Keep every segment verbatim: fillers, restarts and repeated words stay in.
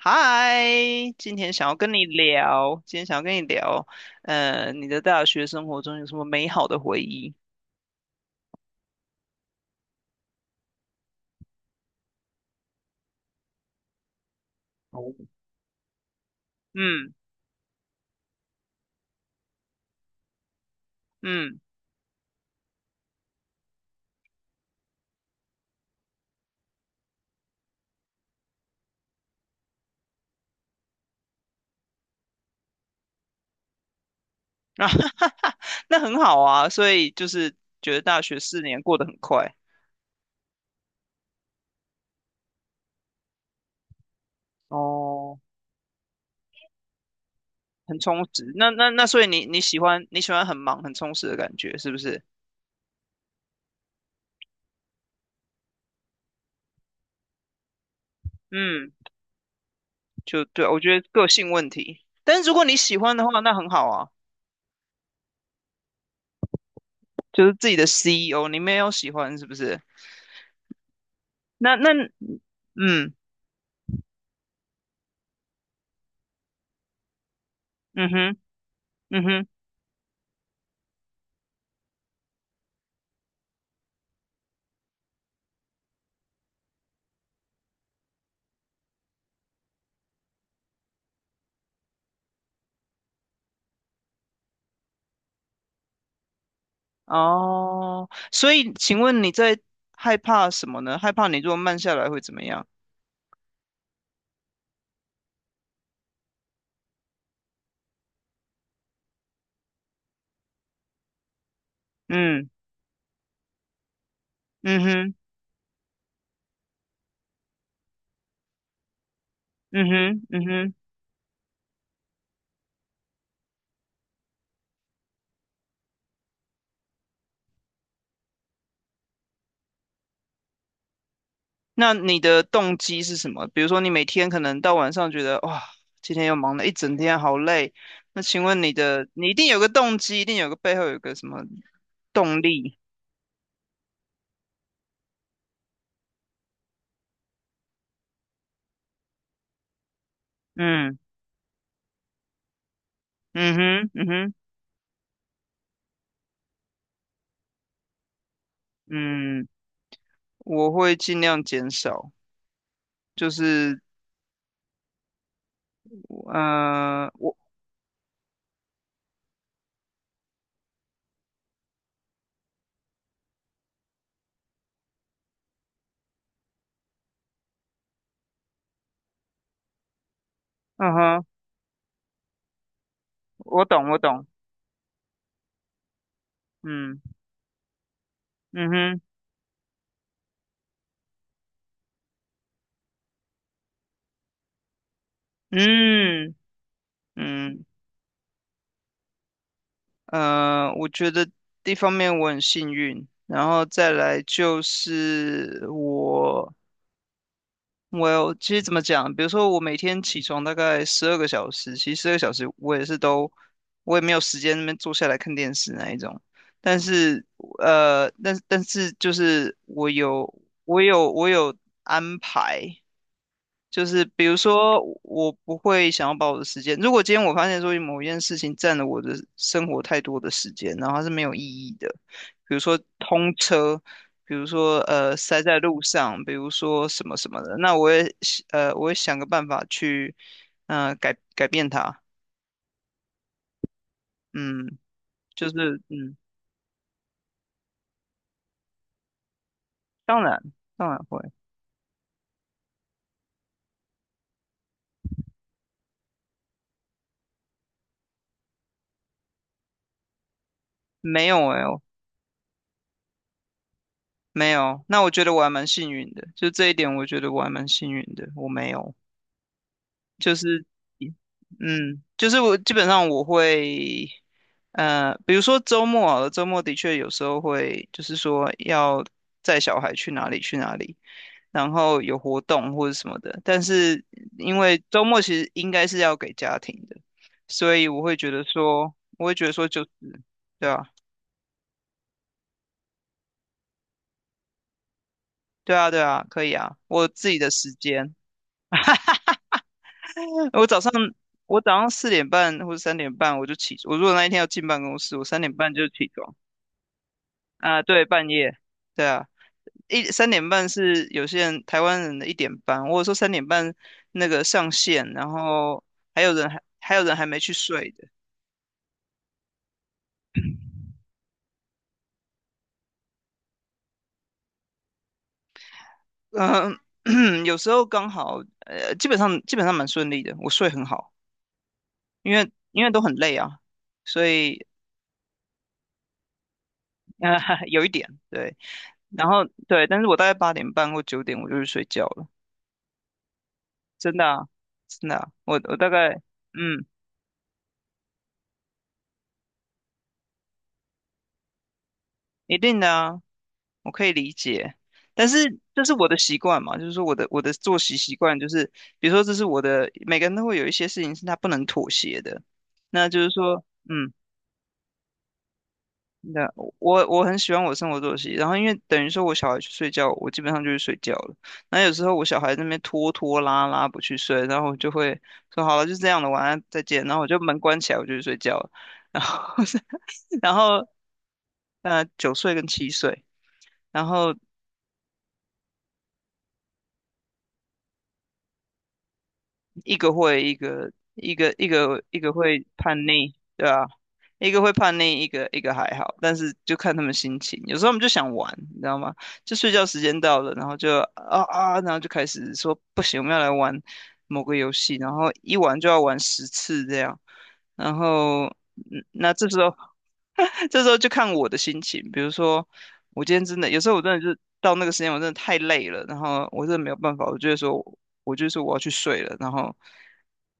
嗨，今天想要跟你聊，今天想要跟你聊，呃，你的大学生活中有什么美好的回忆？哦，嗯嗯，啊，那很好啊，所以就是觉得大学四年过得很快，哦，很充实。那那那，所以你你喜欢你喜欢很忙很充实的感觉，是不是？嗯，就对，我觉得个性问题。但是如果你喜欢的话，那很好啊，就是自己的 C E O，你没有喜欢是不是？那那嗯嗯哼。嗯哼，哦，所以请问你在害怕什么呢？害怕你如果慢下来会怎么样？嗯嗯哼嗯哼嗯哼，那你的动机是什么？比如说你每天可能到晚上觉得哇，今天又忙了一整天，好累。那请问你的，你一定有个动机，一定有个背后有个什么动力？嗯嗯哼嗯哼嗯，我会尽量减少，就是呃，我嗯哼，我懂我懂，嗯嗯哼。嗯嗯呃，我觉得一方面我很幸运，然后再来就是我，我有其实怎么讲，比如说我每天起床大概十二个小时，其实十二个小时我也是都，我也没有时间那边坐下来看电视那一种，但是呃，但但是就是我有我有我有安排，就是比如说，我不会想要把我的时间，如果今天我发现说某一件事情占了我的生活太多的时间，然后它是没有意义的，比如说通车，比如说呃塞在路上，比如说什么什么的，那我也呃我会想个办法去呃改改变它，嗯，就是嗯，当然当然会，没有哎、没有，那我觉得我还蛮幸运的，就这一点，我觉得我还蛮幸运的，我没有。就是嗯，就是我基本上我会，呃，比如说周末好了周末的确有时候会，就是说要载小孩去哪里去哪里，然后有活动或者什么的。但是因为周末其实应该是要给家庭的，所以我会觉得说，我会觉得说就是，对啊，对啊，对啊，可以啊，我有自己的时间。我早上我早上四点半或者三点半我就起，我如果那一天要进办公室，我三点半就起床。啊，对，半夜，对啊，一三点半是有些人台湾人的一点半，或者说三点半那个上线，然后还有人还还有人还没去睡的，嗯、有时候刚好，呃，基本上基本上蛮顺利的，我睡很好，因为因为都很累啊，所以呃 有一点对，然后对，但是我大概八点半或九点我就去睡觉了，真的啊，真的啊我我大概嗯，一定的啊，我可以理解，但是这是我的习惯嘛，就是说我的我的作息习惯就是，比如说这是我的，每个人都会有一些事情是他不能妥协的，那就是说，嗯，那我我很喜欢我的生活作息，然后因为等于说我小孩去睡觉，我基本上就去睡觉了，那有时候我小孩在那边拖拖拉拉不去睡，然后我就会说好了，就这样了，晚安，再见，然后我就门关起来，我就去睡觉了，然后 然后呃九岁跟七岁。然后一个会一个一个一个一个会叛逆，对啊，一个会叛逆，一个一个还好，但是就看他们心情。有时候我们就想玩，你知道吗？就睡觉时间到了，然后就啊啊，然后就开始说不行，我们要来玩某个游戏，然后一玩就要玩十次这样。然后嗯那这时候 这时候就看我的心情，比如说我今天真的有时候我真的就是到那个时间我真的太累了，然后我真的没有办法，我就会说。我就说我要去睡了，然后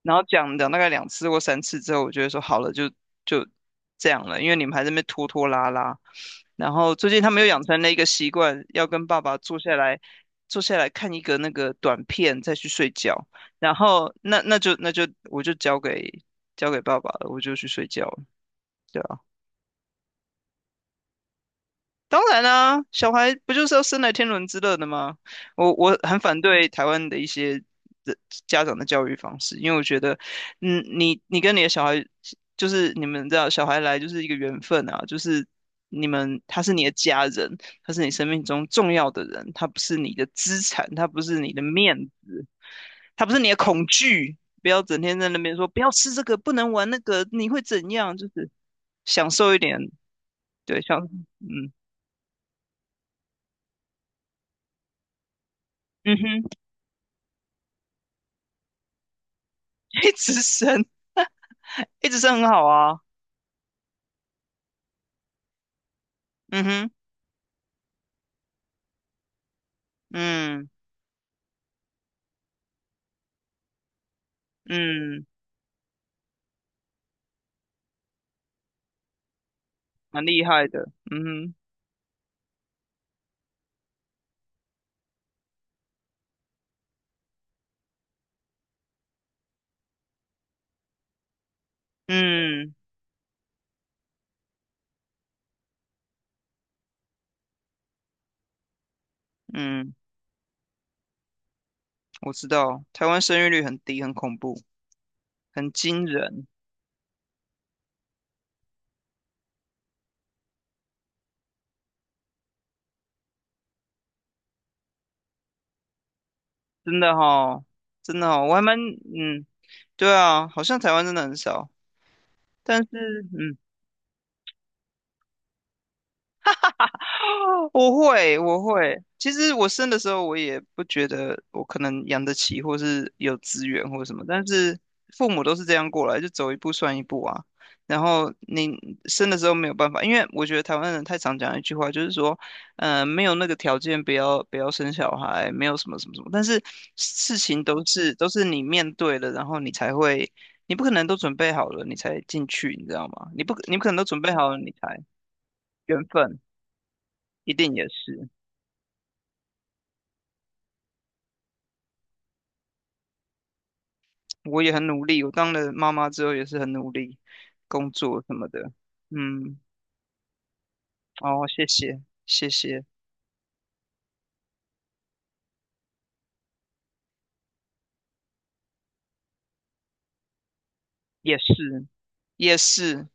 然后讲讲大概两次或三次之后，我觉得说好了，就就这样了，因为你们还在那边拖拖拉拉。然后最近他们又养成了一个习惯，要跟爸爸坐下来坐下来看一个那个短片，再去睡觉。然后那那就那就我就交给交给爸爸了，我就去睡觉了。对啊当然啦，小孩不就是要生来天伦之乐的吗？我我很反对台湾的一些的家长的教育方式，因为我觉得，嗯，你你跟你的小孩，就是你们知道，小孩来就是一个缘分啊，就是你们他是你的家人，他是你生命中重要的人，他不是你的资产，他不是你的面子，他不是你的恐惧，不要整天在那边说不要吃这个，不能玩那个，你会怎样？就是享受一点，对，享，嗯嗯哼。一直升，一直升很好啊，嗯哼，嗯嗯，蛮厉害的，嗯哼，嗯嗯，我知道，台湾生育率很低，很恐怖，很惊人，真的哈，真的哈，我还蛮，嗯，对啊，好像台湾真的很少，但是，嗯 我会，我会。其实我生的时候，我也不觉得我可能养得起，或是有资源或什么。但是父母都是这样过来，就走一步算一步啊。然后你生的时候没有办法，因为我觉得台湾人太常讲一句话，就是说，嗯，没有那个条件，不要不要生小孩，没有什么什么什么。但是事情都是都是你面对了，然后你才会，你不可能都准备好了，你才进去，你知道吗？你不你不可能都准备好了，你才缘分一定也是。我也很努力，我当了妈妈之后也是很努力工作什么的。嗯，哦，谢谢，谢谢，也是，也是，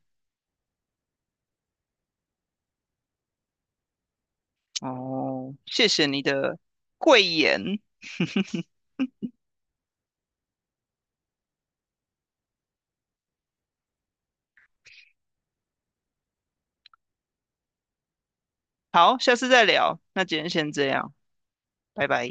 哦，谢谢你的贵言。好，下次再聊，那今天先这样，拜拜。